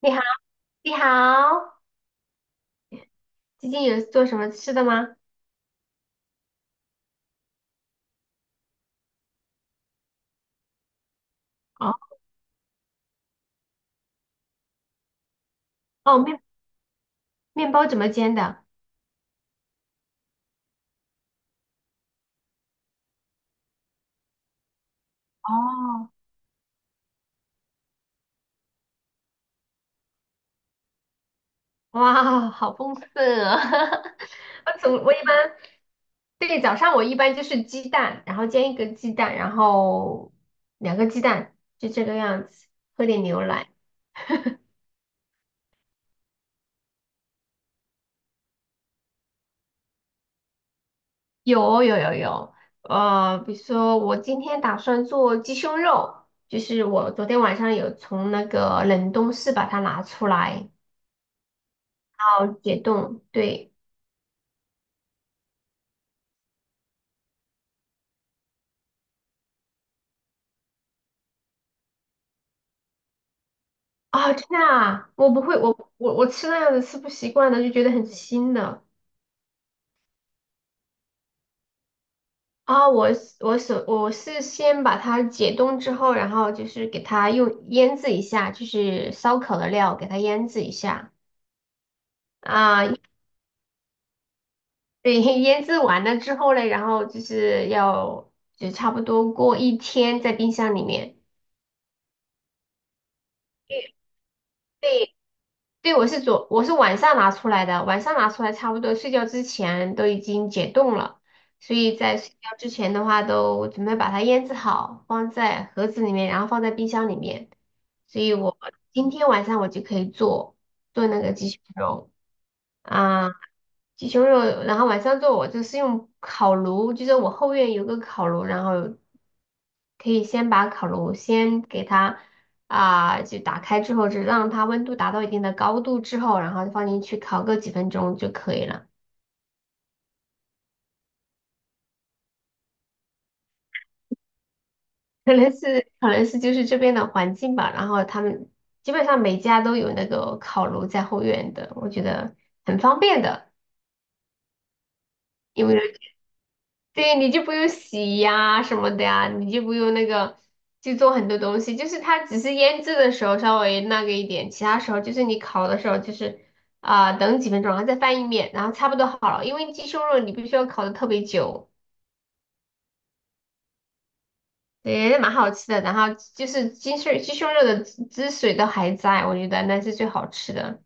你好，你好，最近有做什么吃的吗？哦哦，面包怎么煎的？哦，哇，好丰盛啊！我总我一般对，早上我一般就是鸡蛋，然后煎一个鸡蛋，然后两个鸡蛋，就这个样子，喝点牛奶。有有有有，比如说我今天打算做鸡胸肉，就是我昨天晚上有从那个冷冻室把它拿出来，然后解冻，对。啊，真的啊，我不会，我吃那样子吃不习惯的，就觉得很腥的啊。我是先把它解冻之后，然后就是给它用腌制一下，就是烧烤的料给它腌制一下啊。对，腌制完了之后嘞，然后就是就差不多过一天在冰箱里面。对，对，我是晚上拿出来的，晚上拿出来差不多睡觉之前都已经解冻了，所以在睡觉之前的话都准备把它腌制好，放在盒子里面，然后放在冰箱里面。所以我今天晚上我就可以做那个鸡胸肉。啊，鸡胸肉，然后晚上做我就是用烤炉，就是我后院有个烤炉，然后可以先把烤炉先给它就打开之后，就让它温度达到一定的高度之后，然后放进去烤个几分钟就可以了。可能是就是这边的环境吧，然后他们基本上每家都有那个烤炉在后院的，我觉得很方便的，因为。对，你就不用洗呀什么的呀，你就不用那个去做很多东西，就是它只是腌制的时候稍微那个一点，其他时候就是你烤的时候就是等几分钟，然后再翻一面，然后差不多好了。因为鸡胸肉你必须要烤的特别久，对，蛮好吃的。然后就是鸡胸肉的汁水都还在，我觉得那是最好吃的。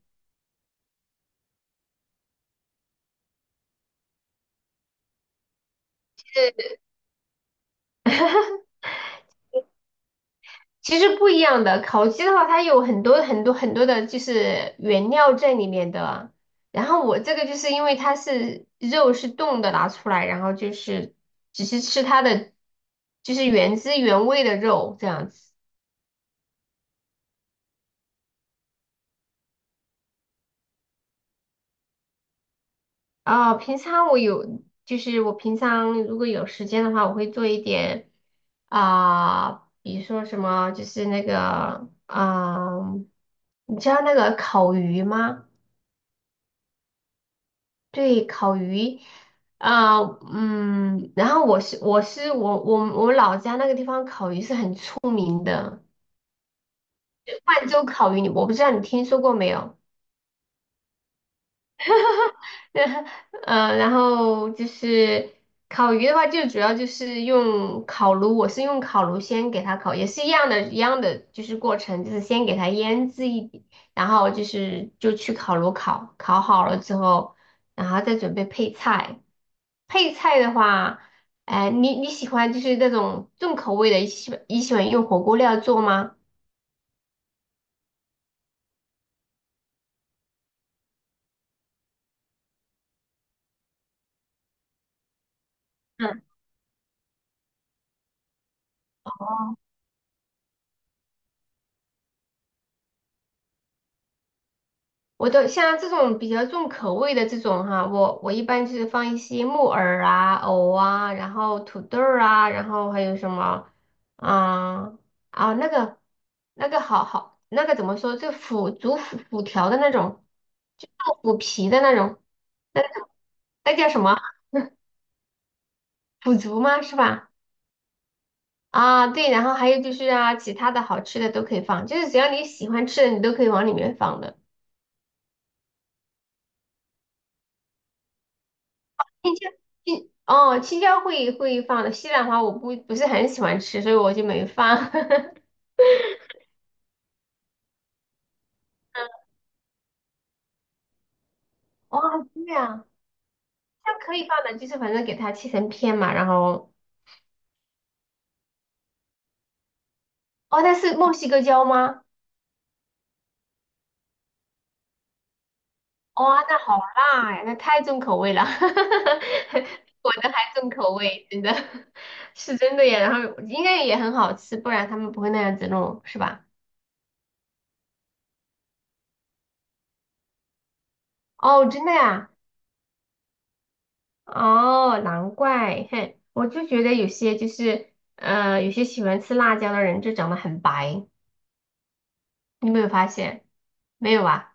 其实不一样的，烤鸡的话，它有很多很多很多的，就是原料在里面的。然后我这个就是因为它是肉是冻的拿出来，然后就是只是吃它的，就是原汁原味的肉这样子。平常我有，就是我平常如果有时间的话，我会做一点啊、比如说什么，就是那个你知道那个烤鱼吗？对，烤鱼啊，嗯，然后我是我是我我我老家那个地方烤鱼是很出名的，万州烤鱼，我不知道你听说过没有？然后就是烤鱼的话，就主要就是用烤炉，我是用烤炉先给它烤，也是一样的，一样的就是过程，就是先给它腌制，然后就是就去烤炉烤，烤好了之后，然后再准备配菜。配菜的话，你喜欢就是那种重口味的，你喜欢用火锅料做吗？嗯，我都像这种比较重口味的这种哈，我一般就是放一些木耳啊、藕啊，然后土豆儿啊，然后还有什么，啊啊那个那个怎么说，就腐竹腐条的那种，就豆腐皮的那种，那那叫什么？腐竹吗？是吧？啊，对，然后还有就是其他的好吃的都可以放，就是只要你喜欢吃的，你都可以往里面放的。青椒，青椒会放的，西兰花我不是很喜欢吃，所以我就没放。哇，对啊，它可以放的，就是反正给它切成片嘛，然后哦，那是墨西哥椒吗？哇、那好辣呀，那太重口味了，我的还重口味，真的 是真的呀。然后应该也很好吃，不然他们不会那样子弄，是吧？哦，真的呀。哦，难怪，哼，我就觉得有些就是，有些喜欢吃辣椒的人就长得很白，你有没有发现？没有啊？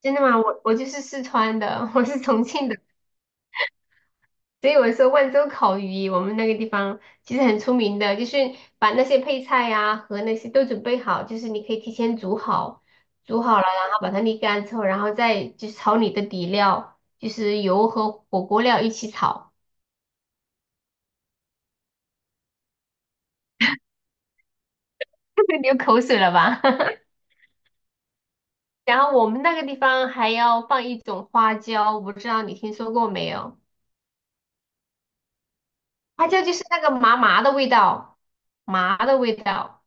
真的吗？我就是四川的，我是重庆的，所以我说万州烤鱼，我们那个地方其实很出名的，就是把那些配菜呀、和那些都准备好，就是你可以提前煮好，煮好了，然后把它沥干之后，然后再就是炒你的底料，就是油和火锅料一起炒，流口水了吧？然后我们那个地方还要放一种花椒，我不知道你听说过没有？花椒就是那个麻麻的味道，麻的味道。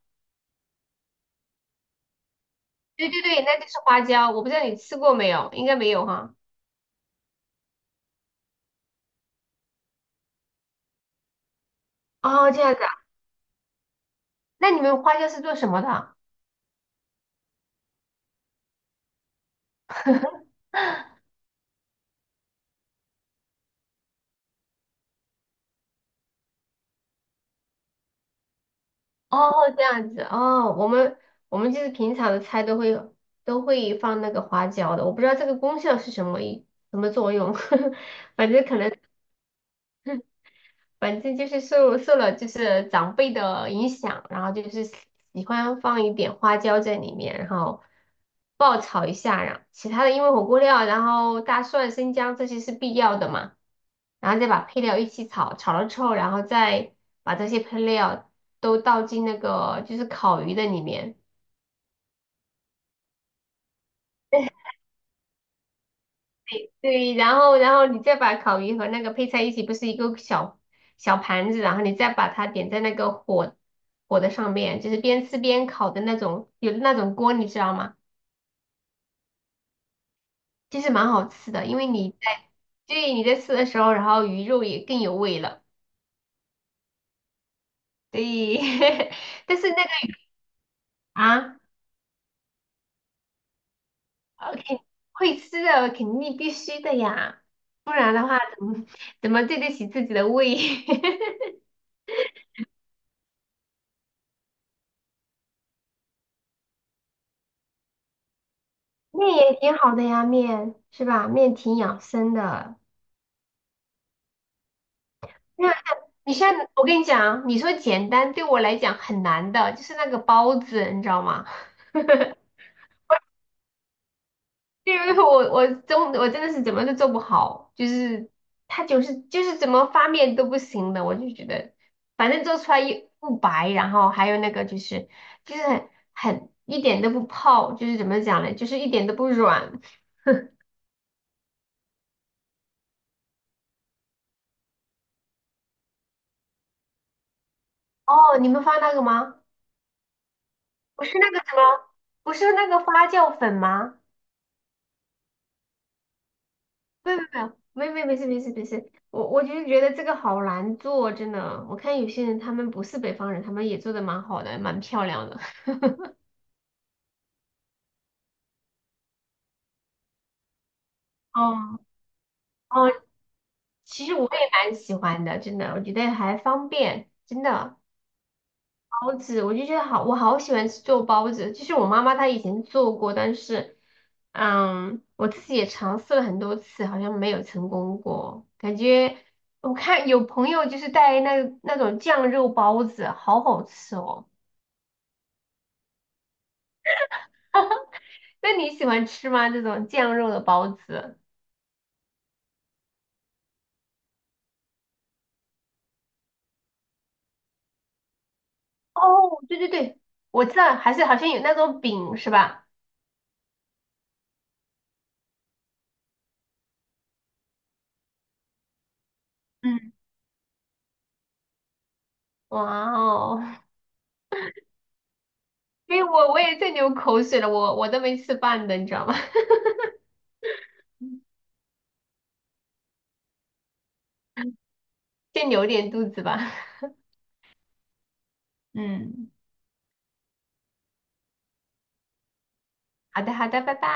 对对对，那就是花椒。我不知道你吃过没有，应该没有哈。哦，这样子啊。那你们花椒是做什么的？哦，这样子哦。我们就是平常的菜都会放那个花椒的，我不知道这个功效是什么一什么作用，反正可能。反正就是受了就是长辈的影响，然后就是喜欢放一点花椒在里面，然后爆炒一下，然后其他的因为火锅料，然后大蒜、生姜这些是必要的嘛，然后再把配料一起炒，炒了之后，然后再把这些配料都倒进那个就是烤鱼的里面。对，然后你再把烤鱼和那个配菜一起，不是一个小小盘子，然后你再把它点在那个火的上面，就是边吃边烤的那种，有那种锅，你知道吗？其实蛮好吃的，因为对，你在吃的时候，然后鱼肉也更有味了。对，但是那个啊，OK，会吃的肯定必须的呀，不然的话怎么对得起自己的胃？面也挺好的呀，面是吧？面挺养生的。那你现在，我跟你讲啊，你说简单对我来讲很难的，就是那个包子，你知道吗？因为 我真的是怎么都做不好，就是它就是怎么发面都不行的，我就觉得反正做出来又不白，然后还有那个就是一点都不泡，就是怎么讲呢，就是一点都不软。哦，你们发那个吗？不是那个什么，不是那个发酵粉吗？没有没有没有没事没事没事，我就是觉得这个好难做，真的。我看有些人他们不是北方人，他们也做的蛮好的，蛮漂亮的。哦哦，其实我也蛮喜欢的，真的，我觉得还方便，真的。包子，我就觉得好，我好喜欢吃做包子。就是我妈妈她以前做过，但是，嗯，我自己也尝试了很多次，好像没有成功过。感觉我看有朋友就是带那种酱肉包子，好好吃哦。那你喜欢吃吗？这种酱肉的包子？哦，对对对，我知道，还是好像有那种饼是吧？嗯，哇哦，所以我也在流口水了，我都没吃饭的，你知道吗？先留点肚子吧。嗯。好的，好的，拜拜。